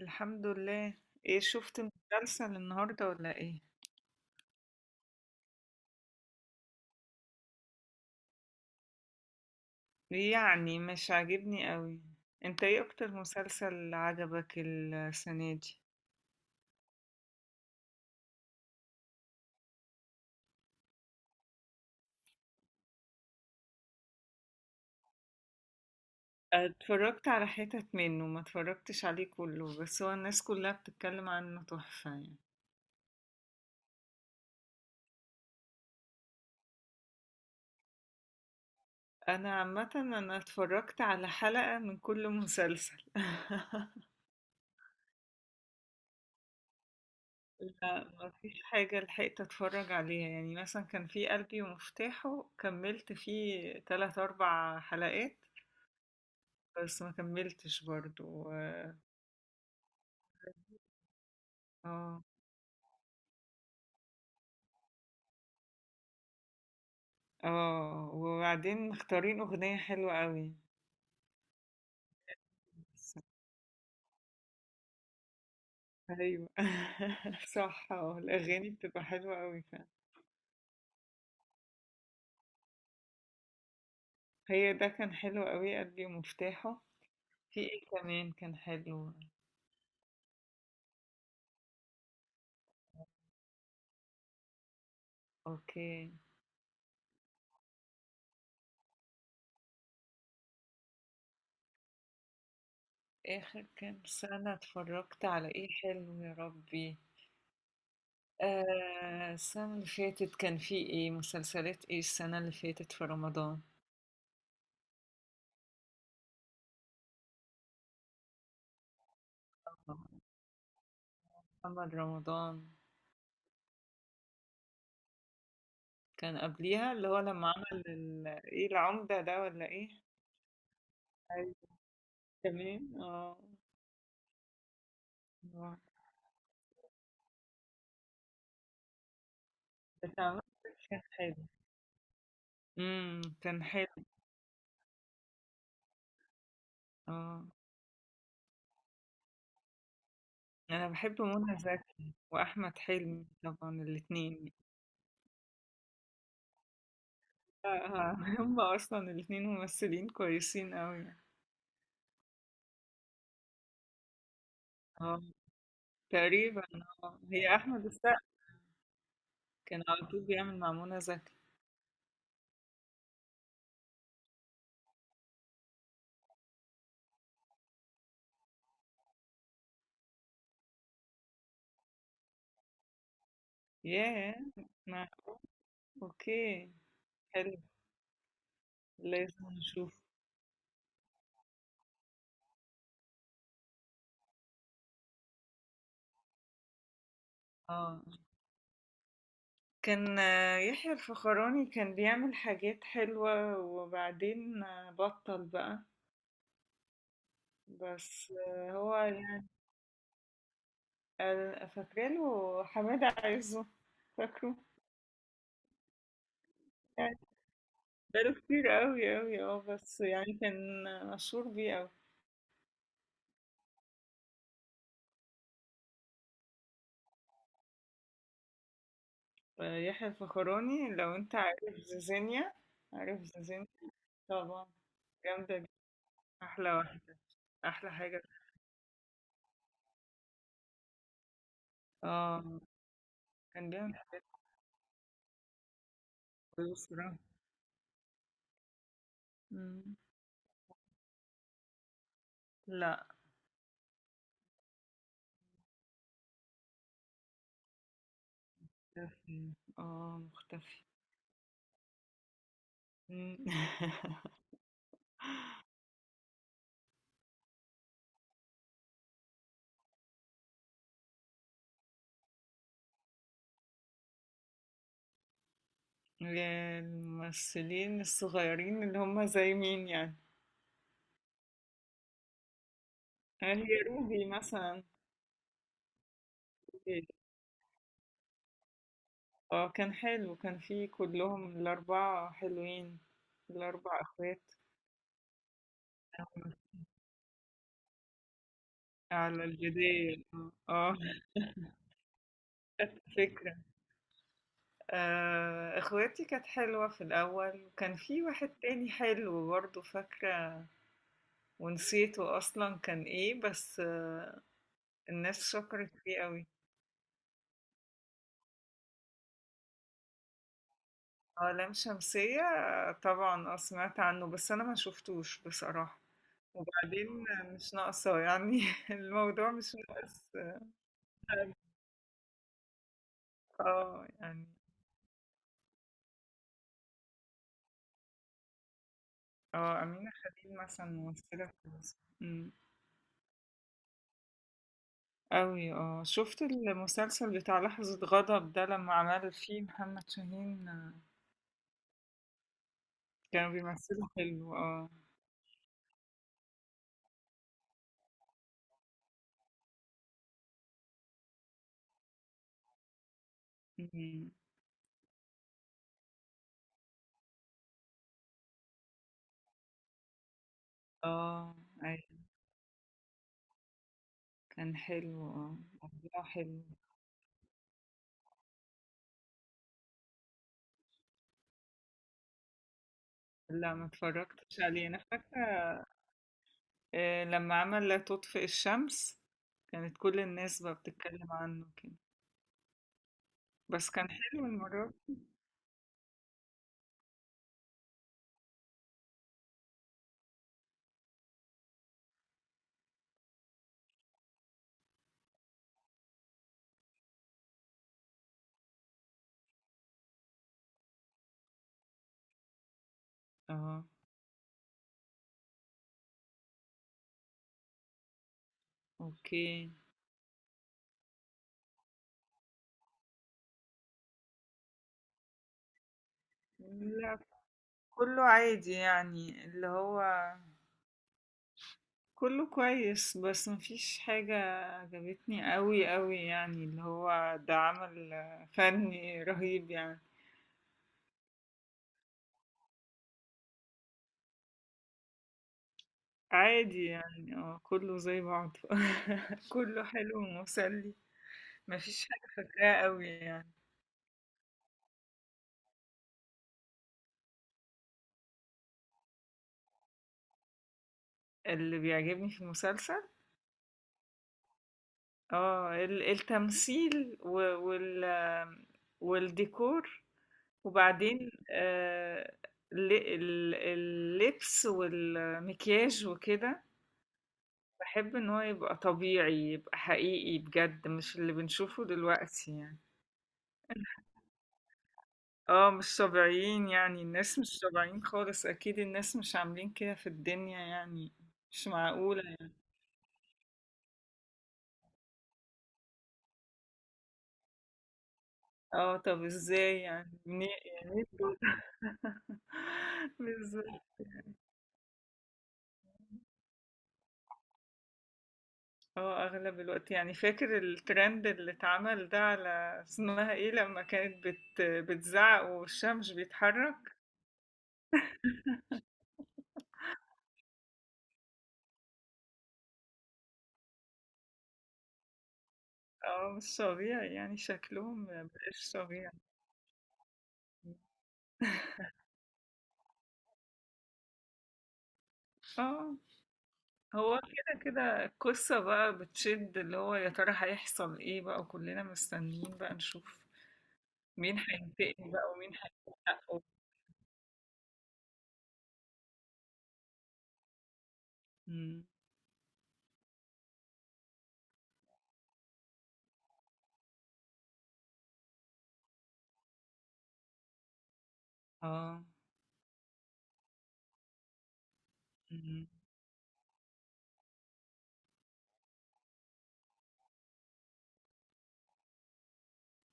الحمد لله. ايه شفت مسلسل النهارده ولا ايه؟ يعني مش عاجبني قوي. انت ايه اكتر مسلسل عجبك السنه دي؟ اتفرجت على حتت منه، ما اتفرجتش عليه كله، بس هو الناس كلها بتتكلم عنه تحفه يعني. انا عامه انا اتفرجت على حلقه من كل مسلسل لا، ما فيش حاجه لحقت اتفرج عليها، يعني مثلا كان في قلبي ومفتاحه كملت فيه 3 4 حلقات بس ما كمّلتش برضه. آه، آه، وبعدين مختارين أغنية حلوة أوي بس. أيوه صح. الأغاني بتبقى حلوة أوي فعلًا. هي ده كان حلو أوي، قلبي ومفتاحه. في إيه كمان كان حلو؟ أوكي. آخر كام سنة اتفرّجت على إيه حلو يا ربي؟ السنة اللي فاتت كان في إيه، مسلسلات إيه السنة اللي فاتت في رمضان؟ آه، محمد رمضان. كان قبليها اللي هو لما عمل ايه العمدة ده ولا ايه؟ أيوة، كمان آه. بس عمل، كان حلو، كان حلو. اه، انا بحب منى زكي واحمد حلمي طبعا، الاتنين. آه، آه. هم اصلا الاتنين ممثلين كويسين قوي. اه، تقريبا. اه، هي احمد السقا كان على طول بيعمل مع منى زكي. ياه. ما- اوكي، حلو، لازم نشوف. اه، كان يحيى الفخراني كان بيعمل حاجات حلوة، وبعدين بطل بقى. بس هو يعني. آه، فاكرة له حمادة عزه، فاكره. يعني بقاله كتير قوي قوي، بس يعني كان مشهور بيه قوي. آه، يحيى الفخراني، لو انت عارف زيزينيا؟ عارف زيزينيا؟ طبعا. جامدة دي. أحلى واحدة، أحلى حاجة. اه، كان بيعمل حاجات بصراحة. مم. لا. مختفي. اه، مختفي. إمم. الممثلين الصغيّرين اللي هُم زي مين يعني؟ هي روبي مثلًا. آه، كان حلو، كان في كلّهم ال4 حلوين، ال4 أخوات. على الجدال، آه. آه خدت فكرة. أخواتي كانت حلوة في الأول، وكان في واحد تاني حلو برضه، فاكرة ونسيته أصلًا، كان إيه، بس الناس شكرت فيه أوي. اه، لام شمسية. آه، طبعا، اه سمعت عنه بس انا ما شفتوش بصراحة. وبعدين مش ناقصة يعني الموضوع مش ناقص. اه يعني اه، أمينة خليل مثلا ممثلة كويسة أوي. اه، شفت المسلسل بتاع لحظة غضب ده لما عمل فيه محمد شاهين؟ كانوا بيمثلوا حلو. اه. أمم، اه، أي كان حلو. اه، موضوع حلو. لا، ما اتفرجتش عليه أنا فاكرة. آه، لما عمل لا تطفئ الشمس كانت كل الناس بقى بتتكلم عنه كده، بس كان حلو المرة دي. اه. اوكي. لا، كله عادي يعني اللي هو كله كويس، بس مفيش حاجة عجبتني قوي قوي يعني اللي هو ده عمل فني رهيب يعني. عادي يعني، كله زي بعضه كله حلو ومسلي. مفيش حاجة فاكراها قوي يعني. اللي بيعجبني في المسلسل التمثيل، و وال والديكور. وبعدين ال ال اللبس والمكياج وكده. باحب إن هو يبقى طبيعي، يبقى حقيقي بجد، مش اللي بنشوفه دلوقتي يعني. آه، مش طبيعيين يعني، الناس مش طبيعيين خالص، أكيد الناس مش عاملين كده في الدنيا يعني، مش معقولة يعني. آه، طب إزاي يعني منين؟ يعني إيه دول؟ بالضبط. اه، اغلب الوقت يعني فاكر الترند اللي اتعمل ده على اسمها ايه لما كانت بتزعق ووشها مش بيتحرك. اه، مش طبيعي يعني، شكلهم مبقاش طبيعي. اه، هو كده كده القصة بقى بتشد، اللي هو يا ترى هيحصل ايه بقى، وكلنا مستنيين بقى نشوف مين هينتقم بقى ومين هياخد حقه. مم. اه. مم.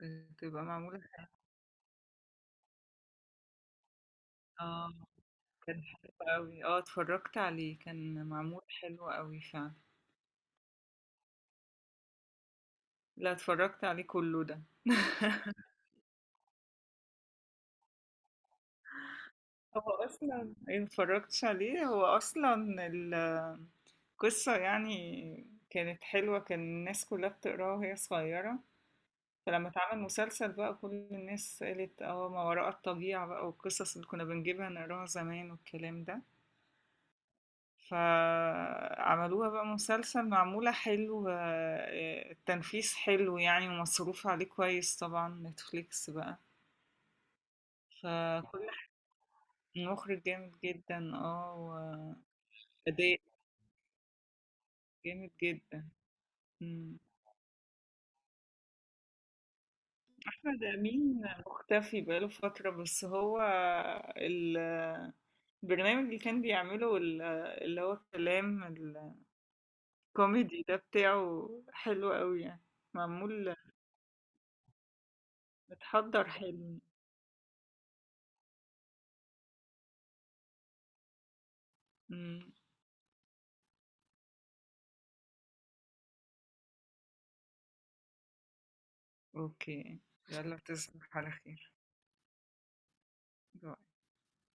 بتبقى معمولة. اه، كان حلو قوي. اه، اتفرجت عليه، كان معمول حلو قوي فعلا. لا، اتفرجت عليه كله ده هو اصلا إيه، متفرجتش عليه. هو اصلا ال- القصة يعني كانت حلوة، كان الناس كلها بتقراها وهي صغيرة، فلما اتعمل مسلسل بقى كل الناس قالت اه ما وراء الطبيعة بقى، والقصص اللي كنا بنجيبها نقراها زمان والكلام ده، فعملوها بقى مسلسل معمولة حلو. التنفيذ حلو يعني، ومصروف عليه كويس طبعا، نتفليكس بقى. فكل مخرج جامد جدا، وأداء جامد جدا. مم. أحمد أمين مختفي بقاله فترة، بس هو ال- البرنامج اللي كان بيعمله، اللي هو كلام الكوميدي ده بتاعه حلو قوي يعني، معمول متحضر حلو. مم. اوكي، يلا تصبح على خير.